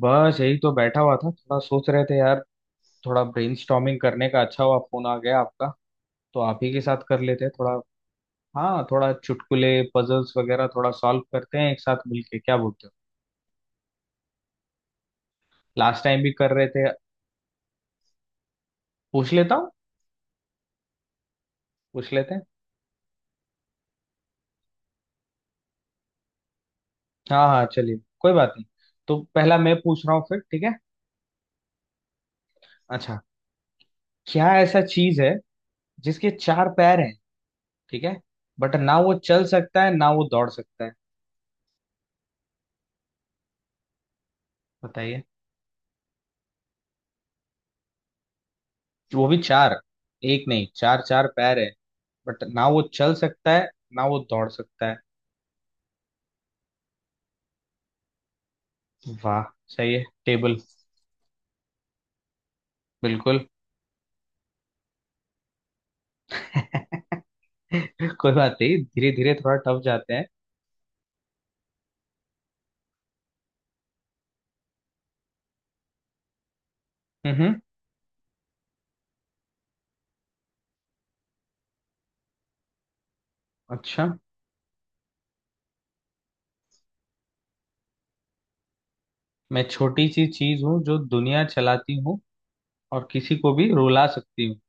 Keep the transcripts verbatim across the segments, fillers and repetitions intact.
बस यही तो बैठा हुआ था, थोड़ा सोच रहे थे यार। थोड़ा ब्रेनस्टॉर्मिंग करने का, अच्छा हुआ फोन आ गया आपका। तो आप ही के साथ कर लेते हैं थोड़ा। हाँ, थोड़ा चुटकुले, पजल्स वगैरह थोड़ा सॉल्व करते हैं एक साथ मिलके, क्या बोलते हो? लास्ट टाइम भी कर रहे थे। पूछ लेता हूँ। पूछ लेते हैं। हाँ हाँ, चलिए, कोई बात नहीं। तो पहला मैं पूछ रहा हूँ, फिर ठीक है? अच्छा। क्या ऐसा चीज है जिसके चार पैर हैं? ठीक है। बट ना वो चल सकता है, ना वो दौड़ सकता है। बताइए। वो भी चार। एक नहीं, चार चार पैर है। बट ना वो चल सकता है, ना वो दौड़ सकता है। वाह, सही है, टेबल। बिल्कुल। कोई बात नहीं, धीरे धीरे थोड़ा टफ जाते हैं। हम्म। अच्छा। मैं छोटी सी चीज हूँ जो दुनिया चलाती हूँ, और किसी को भी रुला सकती हूँ।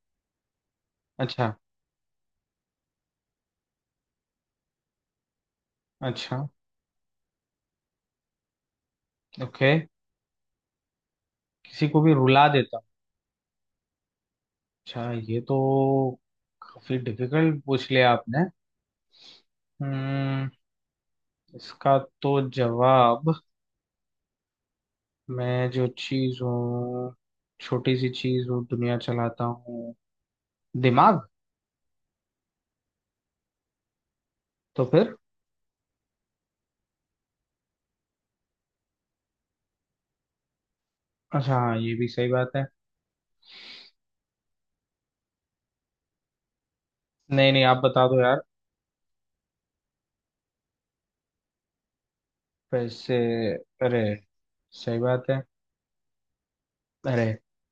अच्छा। अच्छा। ओके। किसी को भी रुला देता हूँ। अच्छा, ये तो काफी डिफिकल्ट पूछ लिया आपने। हम्म। इसका तो जवाब। मैं जो चीज हूँ, छोटी सी चीज हूँ, दुनिया चलाता हूँ। दिमाग। तो फिर। अच्छा हाँ, ये भी सही बात है। नहीं नहीं, आप बता दो यार। पैसे। अरे। सही बात है। अरे।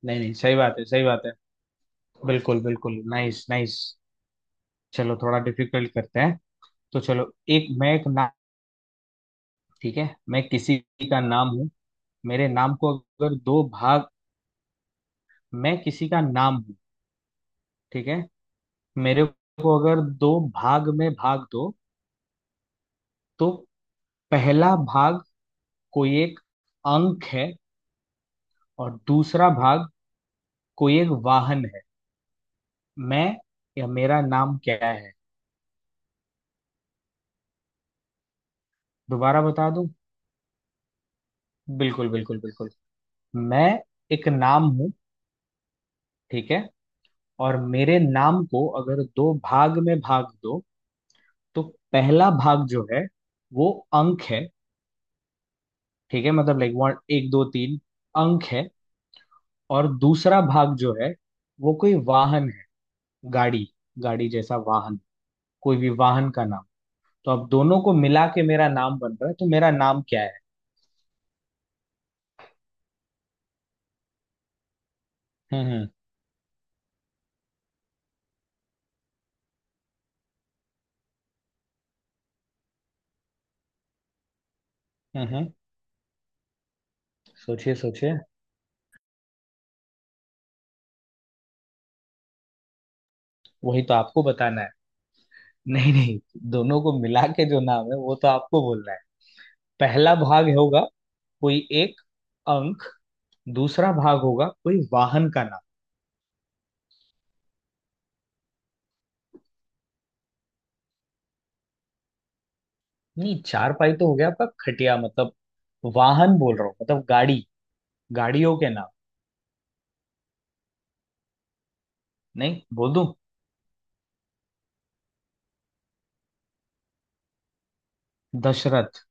नहीं नहीं, सही बात है, सही बात है। बिल्कुल बिल्कुल, नाइस नाइस। चलो, थोड़ा डिफिकल्ट करते हैं। तो चलो, एक मैं एक नाम। ठीक है, मैं किसी का नाम हूँ। मेरे नाम को अगर दो भाग। मैं किसी का नाम हूँ। ठीक है। मेरे को अगर दो भाग में भाग दो, तो पहला भाग कोई एक अंक है, और दूसरा भाग कोई एक वाहन है। मैं, या मेरा नाम क्या है? दोबारा बता दूं। बिल्कुल बिल्कुल बिल्कुल। मैं एक नाम हूं। ठीक है। और मेरे नाम को अगर दो भाग में भाग दो, तो पहला भाग जो है वो अंक है। ठीक है, मतलब लाइक वन, एक, दो, तीन, अंक है। और दूसरा भाग जो है वो कोई वाहन है। गाड़ी, गाड़ी जैसा वाहन, कोई भी वाहन का नाम। तो अब दोनों को मिला के मेरा नाम बन रहा है, तो मेरा नाम क्या है? हम्म हम्म हम्म, हम्म, सोचिए सोचिए। वही तो आपको बताना है। नहीं नहीं, दोनों को मिला के जो नाम है वो तो आपको बोलना है। पहला भाग होगा कोई एक अंक, दूसरा भाग होगा कोई वाहन का नाम। नहीं, चारपाई तो हो गया आपका, खटिया मतलब। वाहन बोल रहा हूँ, मतलब गाड़ी, गाड़ियों के नाम। नहीं, बोल दूं? दशरथ।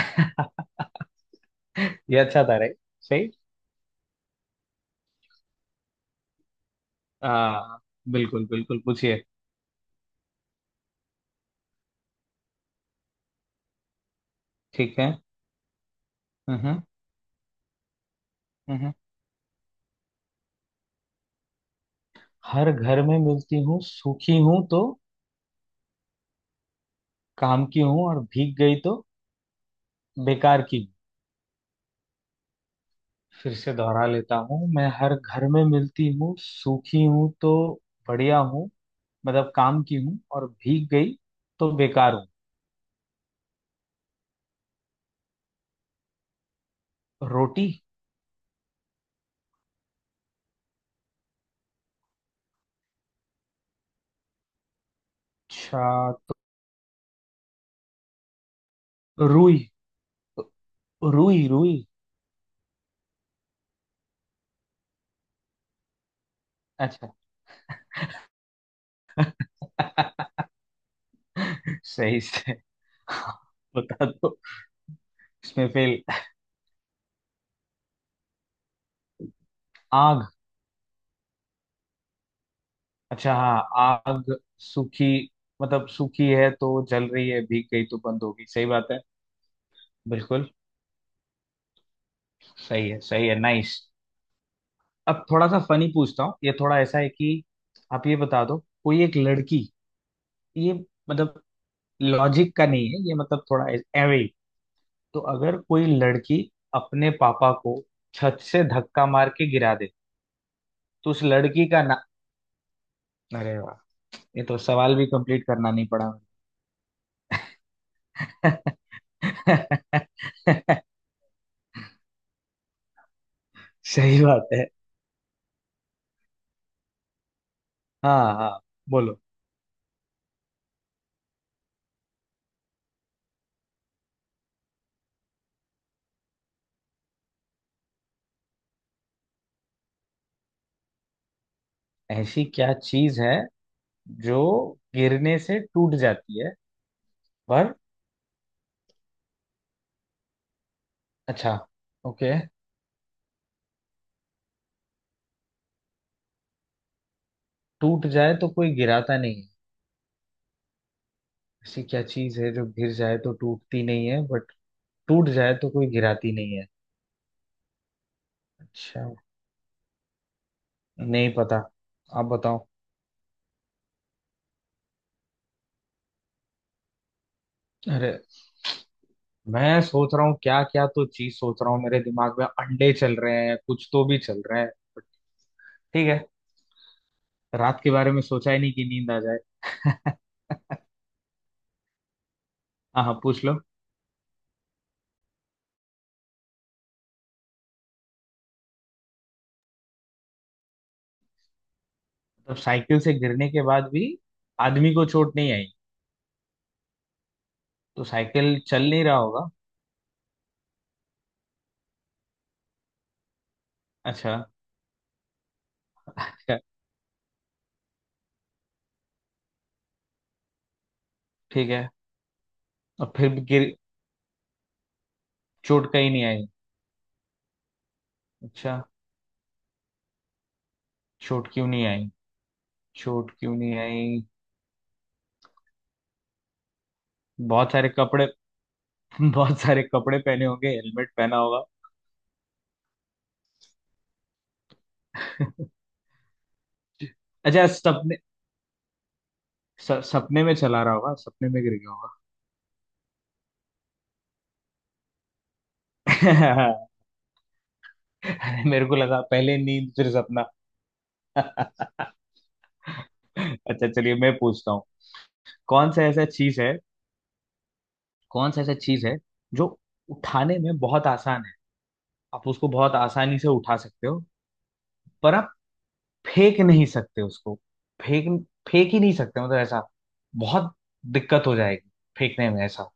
ये अच्छा था रे। सही। आ, बिल्कुल बिल्कुल पूछिए। ठीक है। हम्म हम्म। हम्म। हर घर में मिलती हूँ, सूखी हूँ तो काम की हूँ, और भीग गई तो बेकार की हूँ। फिर से दोहरा लेता हूँ, मैं हर घर में मिलती हूँ, सूखी हूँ तो बढ़िया हूँ, मतलब काम की हूँ, और भीग गई तो बेकार हूँ। रोटी। अच्छा तो। रुई, रुई, रुई। अच्छा। सही से। हाँ, बता दो। इसमें फेल। आग। अच्छा हाँ, आग, सूखी, मतलब सूखी है तो जल रही है, भीग गई तो बंद होगी, सही बात है। बिल्कुल। सही है सही है, नाइस। अब थोड़ा सा फनी पूछता हूँ, ये थोड़ा ऐसा है कि आप ये बता दो। कोई एक लड़की, ये मतलब लॉजिक का नहीं है ये, मतलब थोड़ा एवे। तो अगर कोई लड़की अपने पापा को छत से धक्का मार के गिरा दे, तो उस लड़की का ना। अरे वाह, ये तो सवाल भी कंप्लीट करना नहीं पड़ा मुझे। सही बात है। हाँ हाँ, बोलो। ऐसी क्या चीज है जो गिरने से टूट जाती है, पर? अच्छा, ओके। टूट जाए तो कोई गिराता नहीं है। ऐसी क्या चीज है जो गिर जाए तो टूटती नहीं है, बट टूट जाए तो कोई गिराती नहीं है। अच्छा। नहीं पता। आप बताओ। अरे, मैं सोच रहा हूँ क्या क्या तो चीज सोच रहा हूँ, मेरे दिमाग में अंडे चल रहे हैं, कुछ तो भी चल रहे हैं, but ठीक है। रात के बारे में सोचा ही नहीं कि नींद आ जाए। हाँ हाँ, पूछ लो। तो साइकिल से गिरने के बाद भी आदमी को चोट नहीं आई। तो साइकिल चल नहीं रहा होगा। अच्छा। ठीक है। अब फिर भी गिर, चोट कहीं नहीं आई। अच्छा, चोट क्यों नहीं आई? चोट क्यों नहीं आई? बहुत सारे कपड़े। बहुत सारे कपड़े पहने होंगे, हेलमेट पहना होगा। अच्छा, सपने, स, सपने में चला रहा होगा, सपने में गिर गया होगा। अरे मेरे को लगा पहले नींद, फिर सपना। अच्छा, चलिए मैं पूछता हूँ। कौन सा ऐसा चीज है, कौन सा ऐसा चीज है जो उठाने में बहुत आसान है? आप उसको बहुत आसानी से उठा सकते हो, पर फेंक नहीं सकते उसको। फेंक फेंक ही नहीं सकते, मतलब ऐसा बहुत दिक्कत हो जाएगी फेंकने में। ऐसा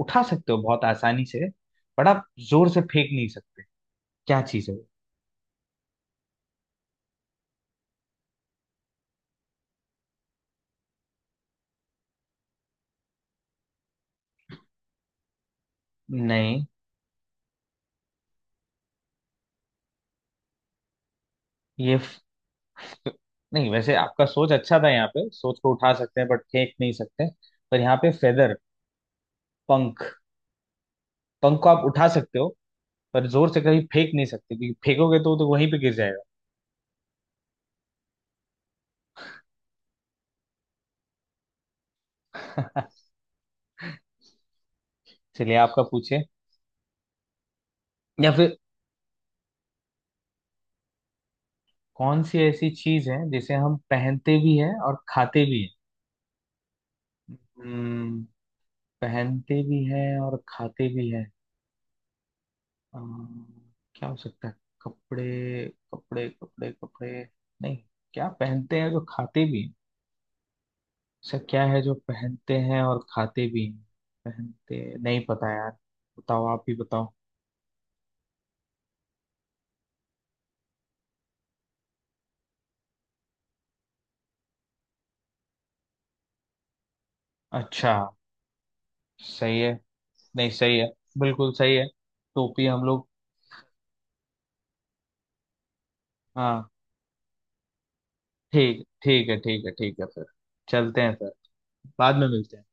उठा सकते हो बहुत आसानी से, बट आप जोर से फेंक नहीं सकते। क्या चीज है वो? नहीं, ये फ-, नहीं, वैसे आपका सोच अच्छा था, यहाँ पे सोच को उठा सकते हैं बट फेंक नहीं सकते। पर यहाँ पे फेदर, पंख। पंख को आप उठा सकते हो, पर जोर से कहीं फेंक नहीं सकते, क्योंकि फेंकोगे तो, तो वहीं पे गिर जाएगा। चलिए, आपका पूछिए। या फिर कौन सी ऐसी चीज है जिसे हम पहनते भी हैं और खाते भी हैं? हम्म, पहनते भी हैं और खाते भी हैं। अम, क्या हो सकता है? कपड़े, कपड़े, कपड़े, कपड़े। नहीं। क्या पहनते हैं जो खाते भी हैं? ऐसा क्या है जो पहनते हैं और खाते भी हैं? पहनते, नहीं पता यार। बताओ, आप ही बताओ। अच्छा, सही है। नहीं, सही है। बिल्कुल सही है। टोपी, हम लोग। हाँ। ठीक, ठीक है, ठीक है, ठीक है, फिर चलते हैं फिर। बाद में मिलते हैं।